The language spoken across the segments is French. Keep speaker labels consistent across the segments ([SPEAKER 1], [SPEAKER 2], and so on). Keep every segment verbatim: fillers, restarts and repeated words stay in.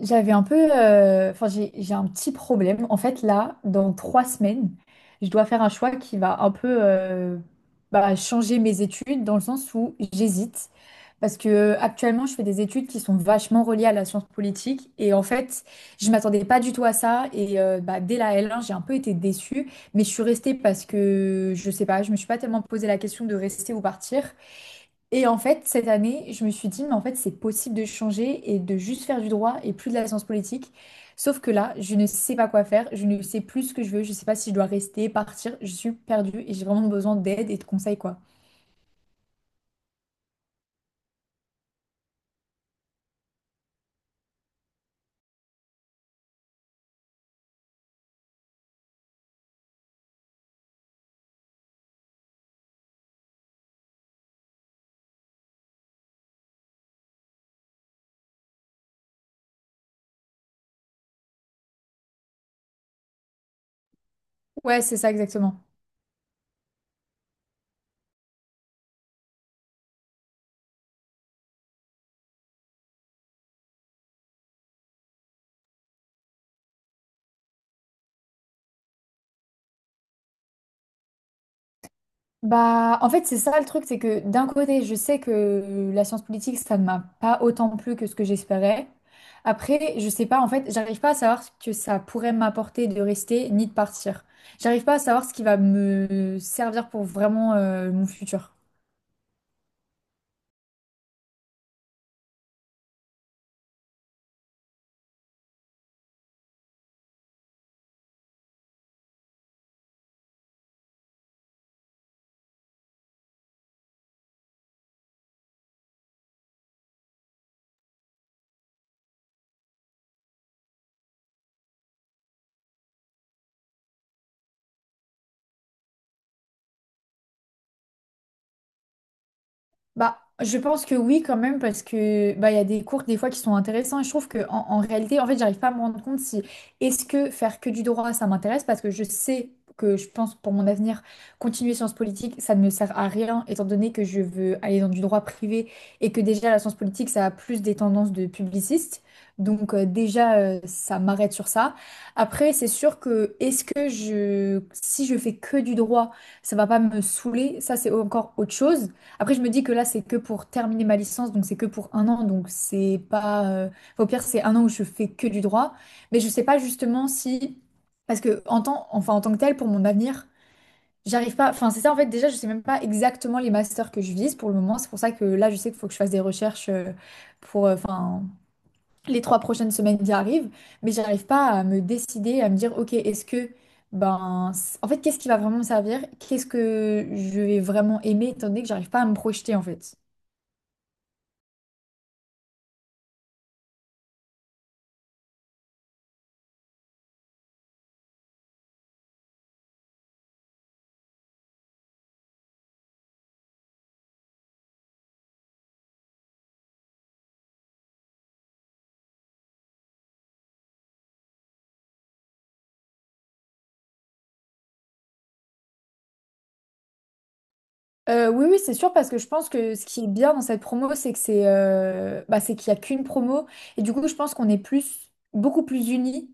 [SPEAKER 1] J'avais un peu, euh, enfin j'ai j'ai un petit problème. En fait là, dans trois semaines, je dois faire un choix qui va un peu euh, bah, changer mes études dans le sens où j'hésite parce que euh, actuellement je fais des études qui sont vachement reliées à la science politique et en fait je m'attendais pas du tout à ça et euh, bah, dès la L un j'ai un peu été déçue mais je suis restée parce que je sais pas, je me suis pas tellement posé la question de rester ou partir. Et en fait, cette année, je me suis dit, mais en fait, c'est possible de changer et de juste faire du droit et plus de la science politique. Sauf que là, je ne sais pas quoi faire, je ne sais plus ce que je veux, je ne sais pas si je dois rester, partir, je suis perdue et j'ai vraiment besoin d'aide et de conseils, quoi. Ouais, c'est ça exactement. Bah, en fait, c'est ça le truc, c'est que d'un côté, je sais que la science politique, ça ne m'a pas autant plu que ce que j'espérais. Après, je sais pas, en fait, j'arrive pas à savoir ce que ça pourrait m'apporter de rester ni de partir. J'arrive pas à savoir ce qui va me servir pour vraiment euh, mon futur. Bah, je pense que oui, quand même, parce que bah, il y a des cours des fois qui sont intéressants et je trouve que en, en réalité, en fait, j'arrive pas à me rendre compte si est-ce que faire que du droit, ça m'intéresse parce que je sais que je pense pour mon avenir, continuer sciences politiques, ça ne me sert à rien étant donné que je veux aller dans du droit privé et que déjà la science politique, ça a plus des tendances de publiciste. Donc euh, déjà, euh, ça m'arrête sur ça. Après, c'est sûr que est-ce que je, si je fais que du droit, ça va pas me saouler, ça c'est encore autre chose. Après, je me dis que là, c'est que pour terminer ma licence, donc c'est que pour un an, donc c'est pas. Euh, enfin, au pire, c'est un an où je fais que du droit, mais je sais pas justement si, parce que en tant, enfin en tant que tel, pour mon avenir, j'arrive pas. Enfin, c'est ça en fait. Déjà, je sais même pas exactement les masters que je vise pour le moment. C'est pour ça que là, je sais qu'il faut que je fasse des recherches euh, pour, euh, enfin, les trois prochaines semaines qui arrivent, mais j'arrive pas à me décider, à me dire, ok, est-ce que ben, c- en fait, qu'est-ce qui va vraiment me servir? Qu'est-ce que je vais vraiment aimer, étant donné que j'arrive pas à me projeter, en fait. Euh, oui, oui, c'est sûr, parce que je pense que ce qui est bien dans cette promo, c'est que c'est euh, bah, c'est qu'il n'y a qu'une promo. Et du coup, je pense qu'on est plus, beaucoup plus unis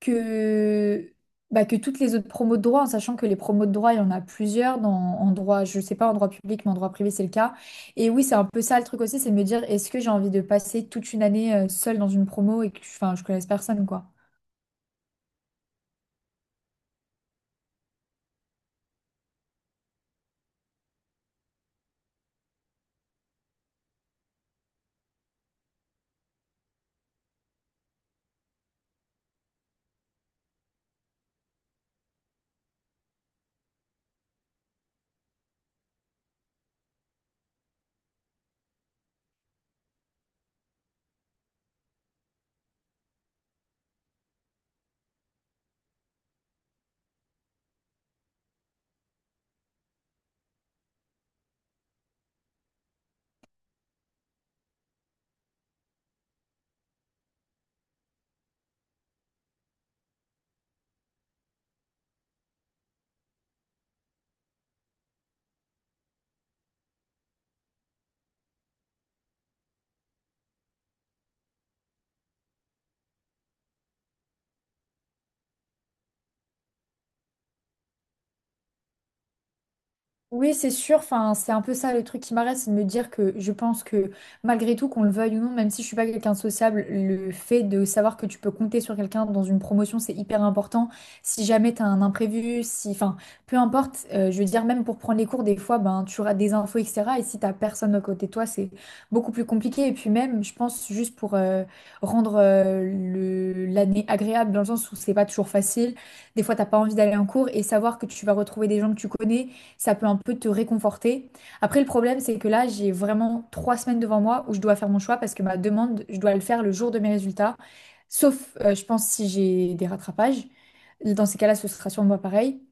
[SPEAKER 1] que, bah, que toutes les autres promos de droit, en sachant que les promos de droit, il y en a plusieurs dans, en droit, je sais pas, en droit public, mais en droit privé, c'est le cas. Et oui, c'est un peu ça le truc aussi, c'est de me dire, est-ce que j'ai envie de passer toute une année euh, seule dans une promo et que enfin, je connaisse personne, quoi. Oui, c'est sûr. Enfin, c'est un peu ça le truc qui m'arrête, c'est de me dire que je pense que malgré tout, qu'on le veuille ou non, même si je suis pas quelqu'un de sociable, le fait de savoir que tu peux compter sur quelqu'un dans une promotion, c'est hyper important. Si jamais tu as un imprévu, si, enfin, peu importe. Euh, je veux dire, même pour prendre les cours, des fois, ben, tu auras des infos, et cetera. Et si t'as personne à côté de toi, c'est beaucoup plus compliqué. Et puis même, je pense juste pour euh, rendre euh, le- l'année agréable, dans le sens où c'est pas toujours facile. Des fois, t'as pas envie d'aller en cours et savoir que tu vas retrouver des gens que tu connais, ça peut un peu te réconforter. Après, le problème, c'est que là, j'ai vraiment trois semaines devant moi où je dois faire mon choix parce que ma demande, je dois le faire le jour de mes résultats, sauf, euh, je pense, si j'ai des rattrapages. Dans ces cas-là, ce sera sûrement pareil.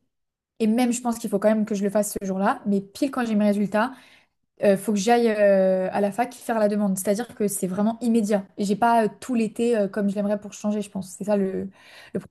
[SPEAKER 1] Et même, je pense qu'il faut quand même que je le fasse ce jour-là. Mais pile quand j'ai mes résultats, il faut que j'aille euh, à la fac faire la demande. C'est-à-dire que c'est vraiment immédiat. J'ai pas euh, tout l'été euh, comme je l'aimerais pour changer, je pense. C'est ça le, le... pro-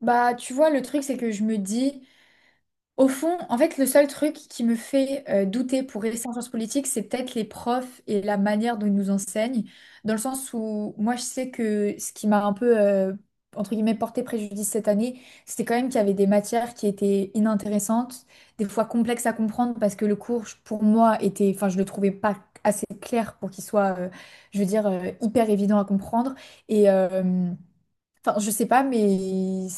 [SPEAKER 1] Bah, tu vois, le truc, c'est que je me dis. Au fond, en fait, le seul truc qui me fait euh, douter pour rester en sciences politiques, c'est peut-être les profs et la manière dont ils nous enseignent, dans le sens où moi, je sais que ce qui m'a un peu, euh, entre guillemets, porté préjudice cette année, c'était quand même qu'il y avait des matières qui étaient inintéressantes, des fois complexes à comprendre, parce que le cours, je- pour moi, était, enfin, je le trouvais pas assez clair pour qu'il soit, euh, je veux dire, euh, hyper évident à comprendre. Et, euh, enfin, je sais pas, mais...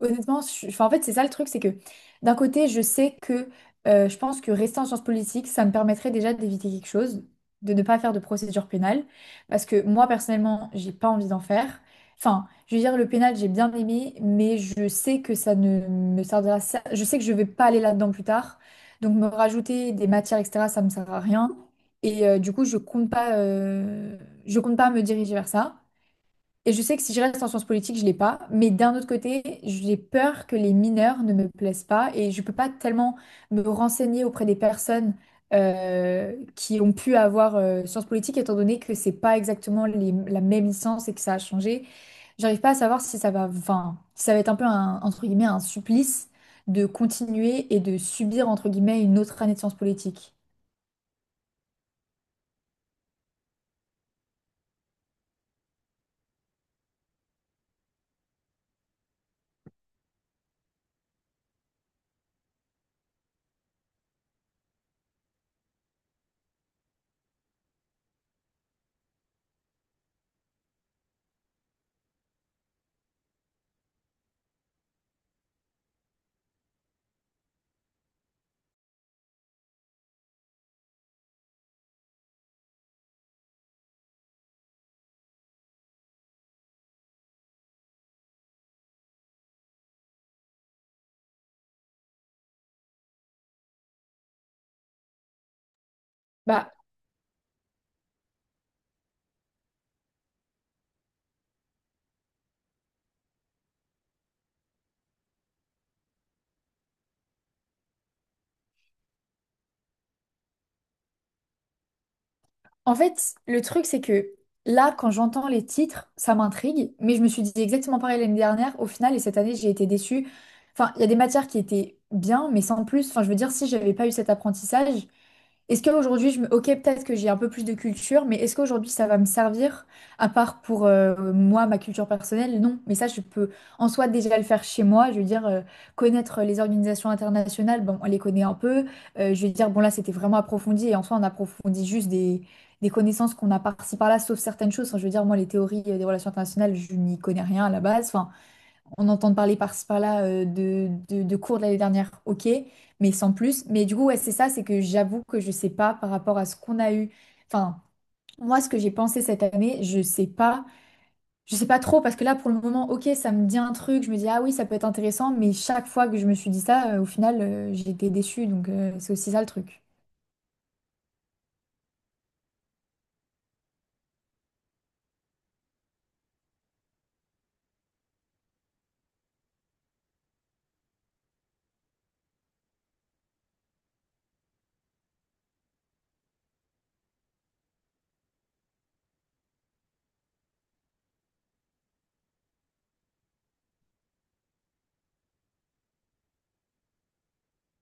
[SPEAKER 1] Honnêtement, je enfin, en fait, c'est ça le truc, c'est que d'un côté, je sais que euh, je pense que rester en sciences politiques, ça me permettrait déjà d'éviter quelque chose, de ne pas faire de procédure pénale, parce que moi, personnellement, j'ai pas envie d'en faire. Enfin, je veux dire, le pénal, j'ai bien aimé, mais je sais que ça ne me servira, ça- je sais que je vais pas aller là-dedans plus tard, donc me rajouter des matières, et cetera, ça me sert à rien, et euh, du coup, je compte pas, euh, je compte pas me diriger vers ça. Et je sais que si je reste en sciences politiques, je l'ai pas. Mais d'un autre côté, j'ai peur que les mineurs ne me plaisent pas et je peux pas tellement me renseigner auprès des personnes euh, qui ont pu avoir euh, sciences politiques, étant donné que c'est pas exactement les- la même licence et que ça a changé. J'arrive pas à savoir si ça va, enfin, si ça va être un peu un, entre guillemets, un supplice de continuer et de subir, entre guillemets, une autre année de sciences politiques. Bah, en fait, le truc, c'est que là, quand j'entends les titres, ça m'intrigue, mais je me suis dit exactement pareil l'année dernière. Au final, et cette année, j'ai été déçue. Enfin, il y a des matières qui étaient bien, mais sans plus. Enfin, je veux dire, si j'avais pas eu cet apprentissage, est-ce qu'aujourd'hui, je me... Ok, peut-être que j'ai un peu plus de culture, mais est-ce qu'aujourd'hui, ça va me servir, à part pour euh, moi, ma culture personnelle? Non, mais ça, je peux en soi déjà le faire chez moi. Je veux dire, euh, connaître les organisations internationales, bon, on les connaît un peu. Euh, je veux dire, bon, là, c'était vraiment approfondi, et en soi, on approfondit juste des, des connaissances qu'on a par-ci par-là, sauf certaines choses. Enfin, je veux dire, moi, les théories euh, des relations internationales, je n'y connais rien à la base. Enfin, on entend parler par-ci par-là euh, de, de, de cours de l'année dernière, ok, mais sans plus. Mais du coup, ouais, c'est ça, c'est que j'avoue que je sais pas par rapport à ce qu'on a eu. Enfin, moi, ce que j'ai pensé cette année, je sais pas. Je sais pas trop, parce que là, pour le moment, ok, ça me dit un truc, je me dis, ah oui, ça peut être intéressant, mais chaque fois que je me suis dit ça, euh, au final, euh, j'ai été déçue, donc euh, c'est aussi ça le truc.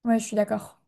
[SPEAKER 1] Ouais, je suis d'accord.